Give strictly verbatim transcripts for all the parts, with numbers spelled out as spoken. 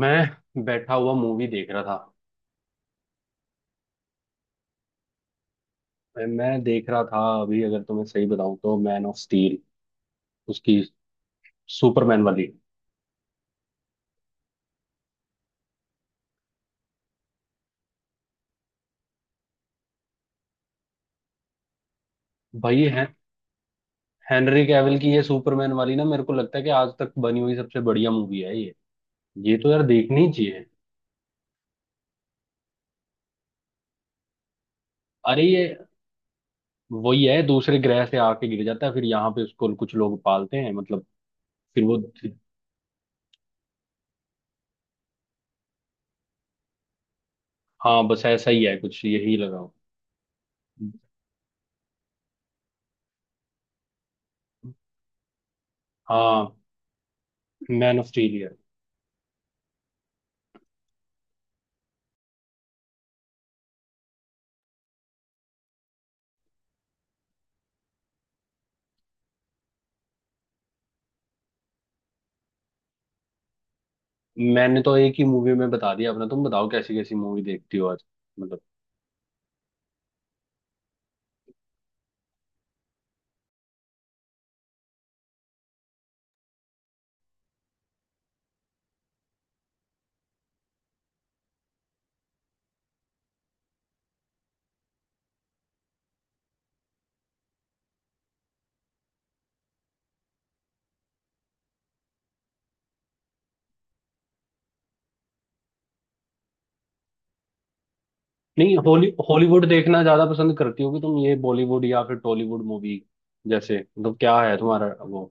मैं बैठा हुआ मूवी देख रहा था। मैं देख रहा था अभी, अगर तुम्हें सही बताऊं तो मैन ऑफ स्टील उसकी सुपरमैन वाली। भाई है, हेनरी कैविल की ये सुपरमैन वाली ना, मेरे को लगता है कि आज तक बनी हुई सबसे बढ़िया मूवी है ये। ये तो यार देखनी ही चाहिए। अरे ये वही है, दूसरे ग्रह से आके गिर जाता है, फिर यहाँ पे उसको कुछ लोग पालते हैं, मतलब फिर वो। हाँ बस ऐसा ही है कुछ, यही लगाओ। हाँ, मैन ऑफ स्टील है। मैंने तो एक ही मूवी में बता दिया अपना, तुम बताओ कैसी कैसी मूवी देखती हो आज, मतलब। नहीं, हॉली हॉलीवुड देखना ज्यादा पसंद करती हो कि तुम ये बॉलीवुड या फिर टॉलीवुड मूवी? जैसे, मतलब क्या है तुम्हारा वो?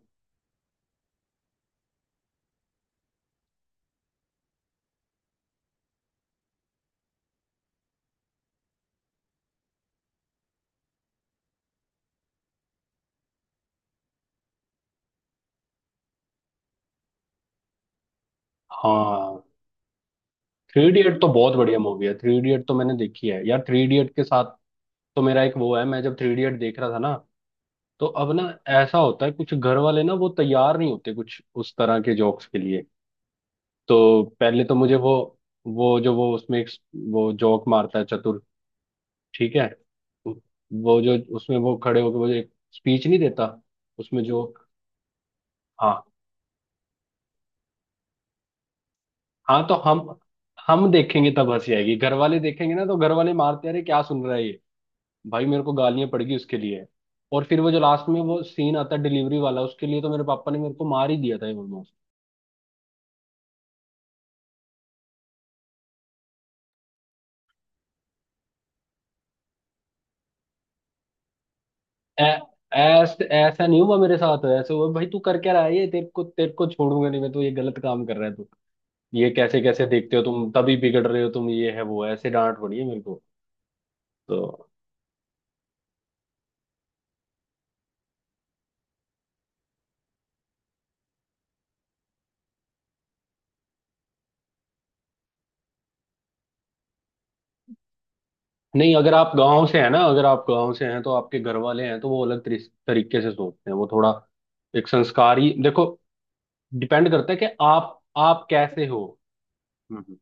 हाँ, थ्री इडियट तो बहुत बढ़िया मूवी है। थ्री इडियट तो मैंने देखी है यार। थ्री इडियट के साथ तो मेरा एक वो है, मैं जब थ्री इडियट देख रहा था ना, तो अब ना, ऐसा होता है कुछ, घर वाले ना वो तैयार नहीं होते कुछ उस तरह के जोक्स के लिए। तो पहले तो मुझे वो वो जो वो उसमें एक वो जोक मारता है चतुर, ठीक है, उ- वो जो उसमें वो खड़े होकर वो जो एक स्पीच नहीं देता, उसमें जो। हाँ हाँ, तो हम हम देखेंगे तब हंसी आएगी, घर वाले देखेंगे ना, तो घर वाले मारते, अरे क्या सुन रहा है ये! भाई मेरे को गालियां पड़गी उसके लिए। और फिर वो जो लास्ट में वो सीन आता है डिलीवरी वाला, उसके लिए तो मेरे पापा ने मेरे को मार ही दिया था ऑलमोस्ट। ऐसा ऐसा नहीं हुआ मेरे साथ, ऐसे हुआ, भाई तू कर क्या रहा है ये, तेरे को तेरे को छोड़ूंगा नहीं मैं तो, ये गलत काम कर रहा है तू, ये कैसे कैसे देखते हो तुम, तभी बिगड़ रहे हो तुम, ये है वो है, ऐसे डांट पड़ी है मेरे को। तो नहीं, अगर आप गांव से हैं ना, अगर आप गांव से हैं तो आपके घर वाले हैं तो वो अलग तरी- तरीके से सोचते हैं। वो थोड़ा एक संस्कारी देखो, डिपेंड करता है कि आप आप कैसे हो। हम्म, हम्म।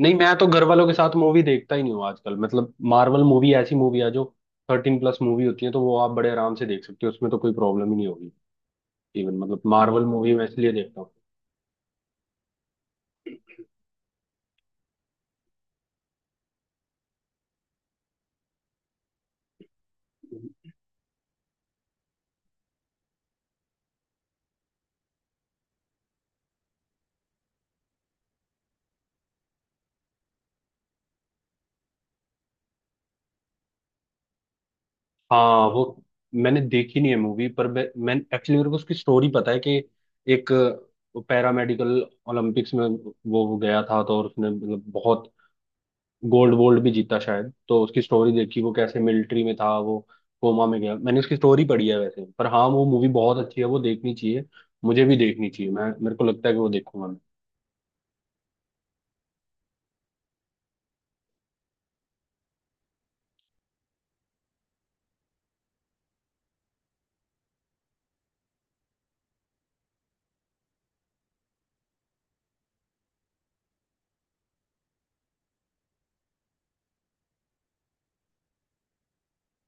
नहीं, मैं तो घर वालों के साथ मूवी देखता ही नहीं हूँ आजकल। मतलब मार्वल मूवी ऐसी मूवी है जो थर्टीन प्लस मूवी होती है, तो वो आप बड़े आराम से देख सकते हो, उसमें तो कोई प्रॉब्लम ही नहीं होगी। इवन, मतलब मार्वल मूवी मैं इसलिए देखता हूँ। हाँ वो, मैंने देखी नहीं है मूवी, पर मैं मैं एक्चुअली, मेरे को उसकी स्टोरी पता है कि एक पैरामेडिकल ओलंपिक्स में वो गया था तो, और उसने मतलब बहुत गोल्ड वोल्ड भी जीता शायद। तो उसकी स्टोरी देखी, वो कैसे मिलिट्री में था, वो कोमा में गया। मैंने उसकी स्टोरी पढ़ी है वैसे, पर हाँ वो मूवी बहुत अच्छी है, वो देखनी चाहिए। मुझे भी देखनी चाहिए, मैं, मेरे को लगता है कि वो देखूंगा मैं।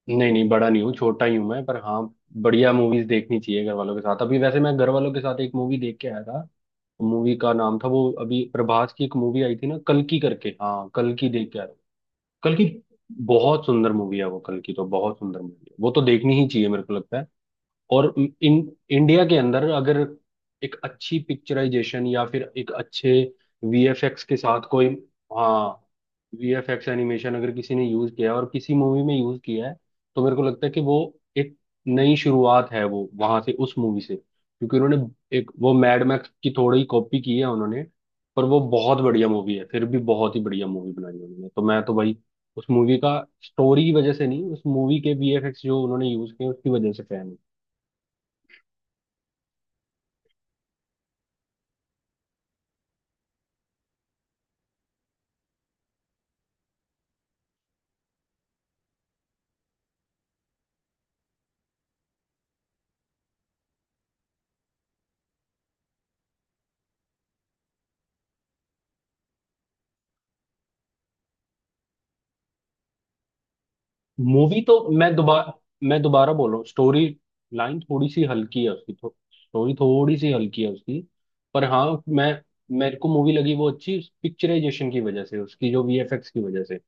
नहीं नहीं, बड़ा नहीं हूँ, छोटा ही हूँ मैं, पर हाँ, बढ़िया मूवीज देखनी चाहिए घर वालों के साथ। अभी वैसे मैं घर वालों के साथ एक मूवी देख के आया था, मूवी का नाम था वो, अभी प्रभास की एक मूवी आई थी ना कल्कि करके, हाँ, कल्कि देख के आया हूँ। कल्कि बहुत सुंदर मूवी है वो। कल्कि तो बहुत सुंदर मूवी है, वो तो देखनी ही चाहिए मेरे को लगता है। और इन इंडिया के अंदर अगर एक अच्छी पिक्चराइजेशन या फिर एक अच्छे वीएफएक्स के साथ कोई। हाँ, वीएफएक्स एनिमेशन अगर किसी ने यूज किया है और किसी मूवी में यूज किया है, तो मेरे को लगता है कि वो एक नई शुरुआत है वो, वहां से उस मूवी से। क्योंकि उन्होंने एक वो मैड मैक्स की थोड़ी कॉपी की है उन्होंने, पर वो बहुत बढ़िया मूवी है फिर भी। बहुत ही बढ़िया मूवी बनाई उन्होंने, तो मैं तो भाई उस मूवी का स्टोरी की वजह से नहीं, उस मूवी के वीएफएक्स जो उन्होंने यूज किए उसकी वजह से फैन हूँ। मूवी तो मैं दोबारा मैं दोबारा बोल रहा हूँ, स्टोरी लाइन थोड़ी सी हल्की है उसकी, थो, स्टोरी थोड़ी सी हल्की है उसकी, पर हाँ, मैं मेरे को मूवी लगी वो अच्छी, पिक्चराइजेशन की वजह से उसकी, जो वीएफएक्स की वजह से।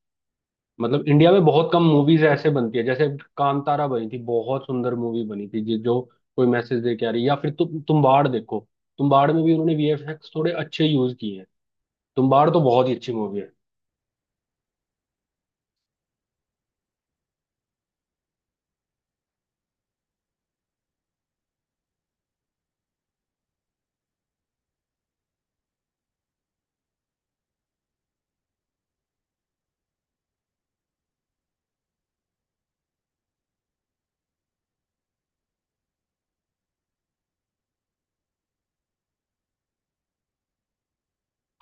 मतलब इंडिया में बहुत कम मूवीज ऐसे बनती है, जैसे कांतारा बनी थी, बहुत सुंदर मूवी बनी थी, जि- जो कोई मैसेज दे के आ रही है। या फिर तु, तुम्बाड़ देखो, तुम्बाड़ में भी उन्होंने वीएफएक्स थोड़े अच्छे यूज किए हैं। तुम्बाड़ तो बहुत ही अच्छी मूवी है।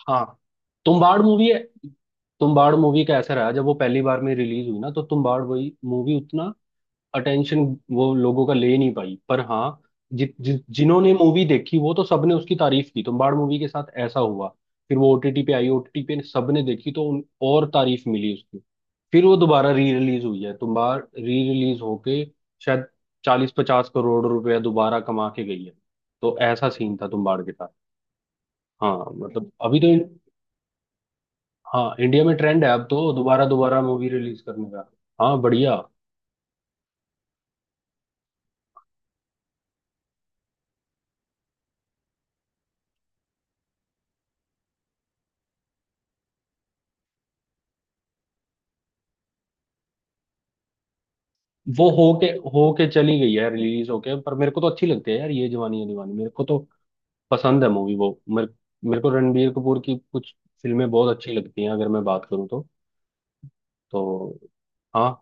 हाँ, तुम्बाड़ मूवी है। तुम्बाड़ मूवी का ऐसा रहा, जब वो पहली बार में रिलीज हुई ना, तो तुम्बाड़ वही मूवी उतना अटेंशन वो लोगों का ले नहीं पाई, पर हाँ, जि, जि, जिन्होंने मूवी देखी वो तो सबने उसकी तारीफ की। तुम्बाड़ मूवी के साथ ऐसा हुआ, फिर वो ओटीटी पे आई, ओटीटी पे सबने देखी तो उन, और तारीफ मिली उसकी। फिर वो दोबारा री रिलीज हुई है, तुम्बाड़ री रिलीज होके शायद चालीस पचास करोड़ रुपया दोबारा कमा के गई है। तो ऐसा सीन था तुम्बाड़ के साथ। हाँ मतलब अभी तो, हाँ, इंडिया में ट्रेंड है अब तो दोबारा दोबारा मूवी रिलीज करने का। हाँ बढ़िया। वो होके होके चली गई है रिलीज होके, पर मेरे को तो अच्छी लगती है यार ये जवानी है दीवानी, मेरे को तो पसंद है मूवी वो। मेरे मेरे को रणबीर कपूर की कुछ फिल्में बहुत अच्छी लगती हैं, अगर मैं बात करूँ तो तो। हाँ।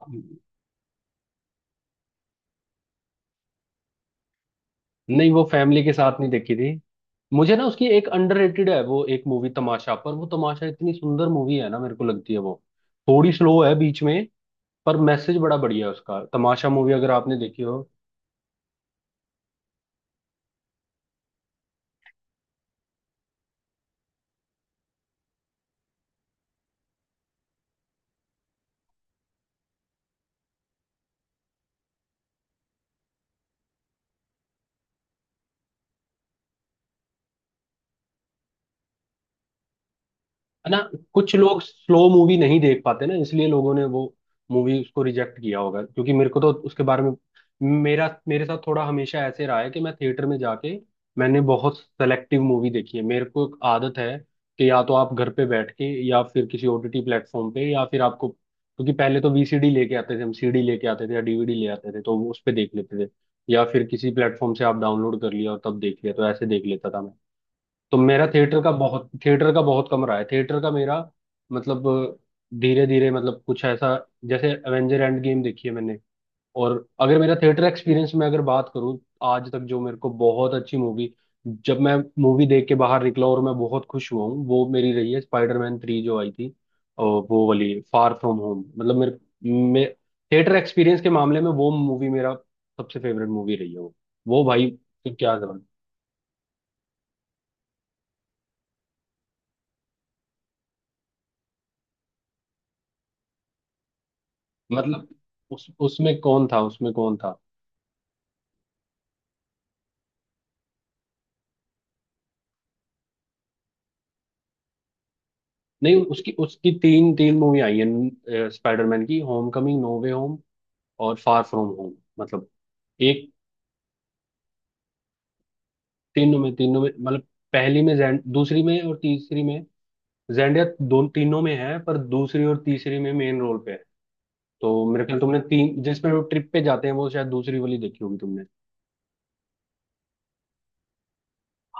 नहीं, वो फैमिली के साथ नहीं देखी थी। मुझे ना उसकी एक अंडररेटेड है वो एक मूवी, तमाशा। पर वो तमाशा इतनी सुंदर मूवी है ना, मेरे को लगती है वो, थोड़ी स्लो है बीच में, पर मैसेज बड़ा बढ़िया है उसका। तमाशा मूवी अगर आपने देखी हो, है ना। कुछ लोग स्लो मूवी नहीं देख पाते ना, इसलिए लोगों ने वो मूवी उसको रिजेक्ट किया होगा। क्योंकि मेरे को तो उसके बारे में, मेरा, मेरे साथ थोड़ा हमेशा ऐसे रहा है कि मैं थिएटर में जाके मैंने बहुत सेलेक्टिव मूवी देखी है। मेरे को एक आदत है कि या तो आप घर पे बैठ के, या फिर किसी ओटीटी प्लेटफॉर्म पे, या फिर आपको, क्योंकि पहले तो वीसीडी लेके आते थे हम, सीडी लेके आते थे, या डीवीडी ले आते थे तो वो उस पे देख लेते थे, या फिर किसी प्लेटफॉर्म से आप डाउनलोड कर लिया और तब देख लिया, तो ऐसे देख लेता था मैं। तो मेरा थिएटर का बहुत थिएटर का बहुत कम रहा है, थिएटर का मेरा, मतलब धीरे धीरे, मतलब कुछ ऐसा, जैसे एवेंजर एंड गेम देखी है मैंने। और अगर मेरा थिएटर एक्सपीरियंस में अगर बात करूँ, आज तक जो मेरे को बहुत अच्छी मूवी, जब मैं मूवी देख के बाहर निकला और मैं बहुत खुश हुआ हूँ, वो मेरी रही है स्पाइडरमैन थ्री जो आई थी, और वो वाली फार फ्रॉम होम। मतलब मेरे, मे, थिएटर एक्सपीरियंस के मामले में वो मूवी मेरा सबसे फेवरेट मूवी रही है वो। वो भाई, क्या जबरदस्त! मतलब उस उसमें कौन था, उसमें कौन था? नहीं, उसकी उसकी तीन तीन मूवी आई है स्पाइडरमैन की, Homecoming, No Way Home, और फार फ्रॉम होम। मतलब एक, तीनों में, तीनों में मतलब, पहली में जैन, दूसरी में और तीसरी में जेंडिया दो, तीनों में है पर दूसरी और तीसरी में मेन रोल पे है। तो मेरे ख्याल तुमने तीन जिसमें वो ट्रिप पे जाते हैं वो शायद दूसरी वाली देखी होगी तुमने।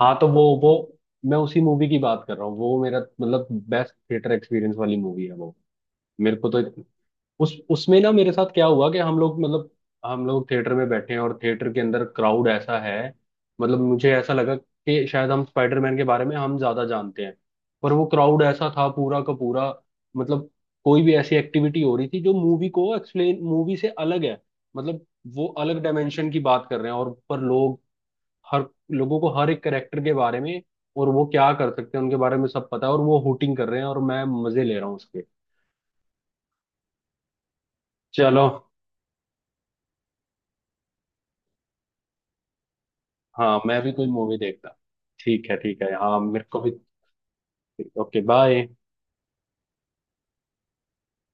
हाँ तो वो वो, मैं उसी मूवी की बात कर रहा हूँ। वो मेरा मतलब बेस्ट थिएटर एक्सपीरियंस वाली मूवी है वो, मेरे को तो। उस उसमें ना मेरे साथ क्या हुआ कि हम लोग, मतलब हम लोग थिएटर में बैठे हैं और थिएटर के अंदर क्राउड ऐसा है, मतलब मुझे ऐसा लगा कि शायद हम स्पाइडरमैन के बारे में हम ज्यादा जानते हैं, पर वो क्राउड ऐसा था पूरा का पूरा, मतलब कोई भी ऐसी एक्टिविटी हो रही थी जो मूवी को एक्सप्लेन, मूवी से अलग है, मतलब वो अलग डायमेंशन की बात कर रहे हैं और पर लोग, हर लोगों को हर एक करेक्टर के बारे में और वो क्या कर सकते हैं उनके बारे में सब पता है, और वो हुटिंग कर रहे हैं और मैं मजे ले रहा हूँ उसके। चलो, हाँ, मैं भी कोई मूवी देखता। ठीक है ठीक है, हाँ, मेरे को भी। Okay, bye.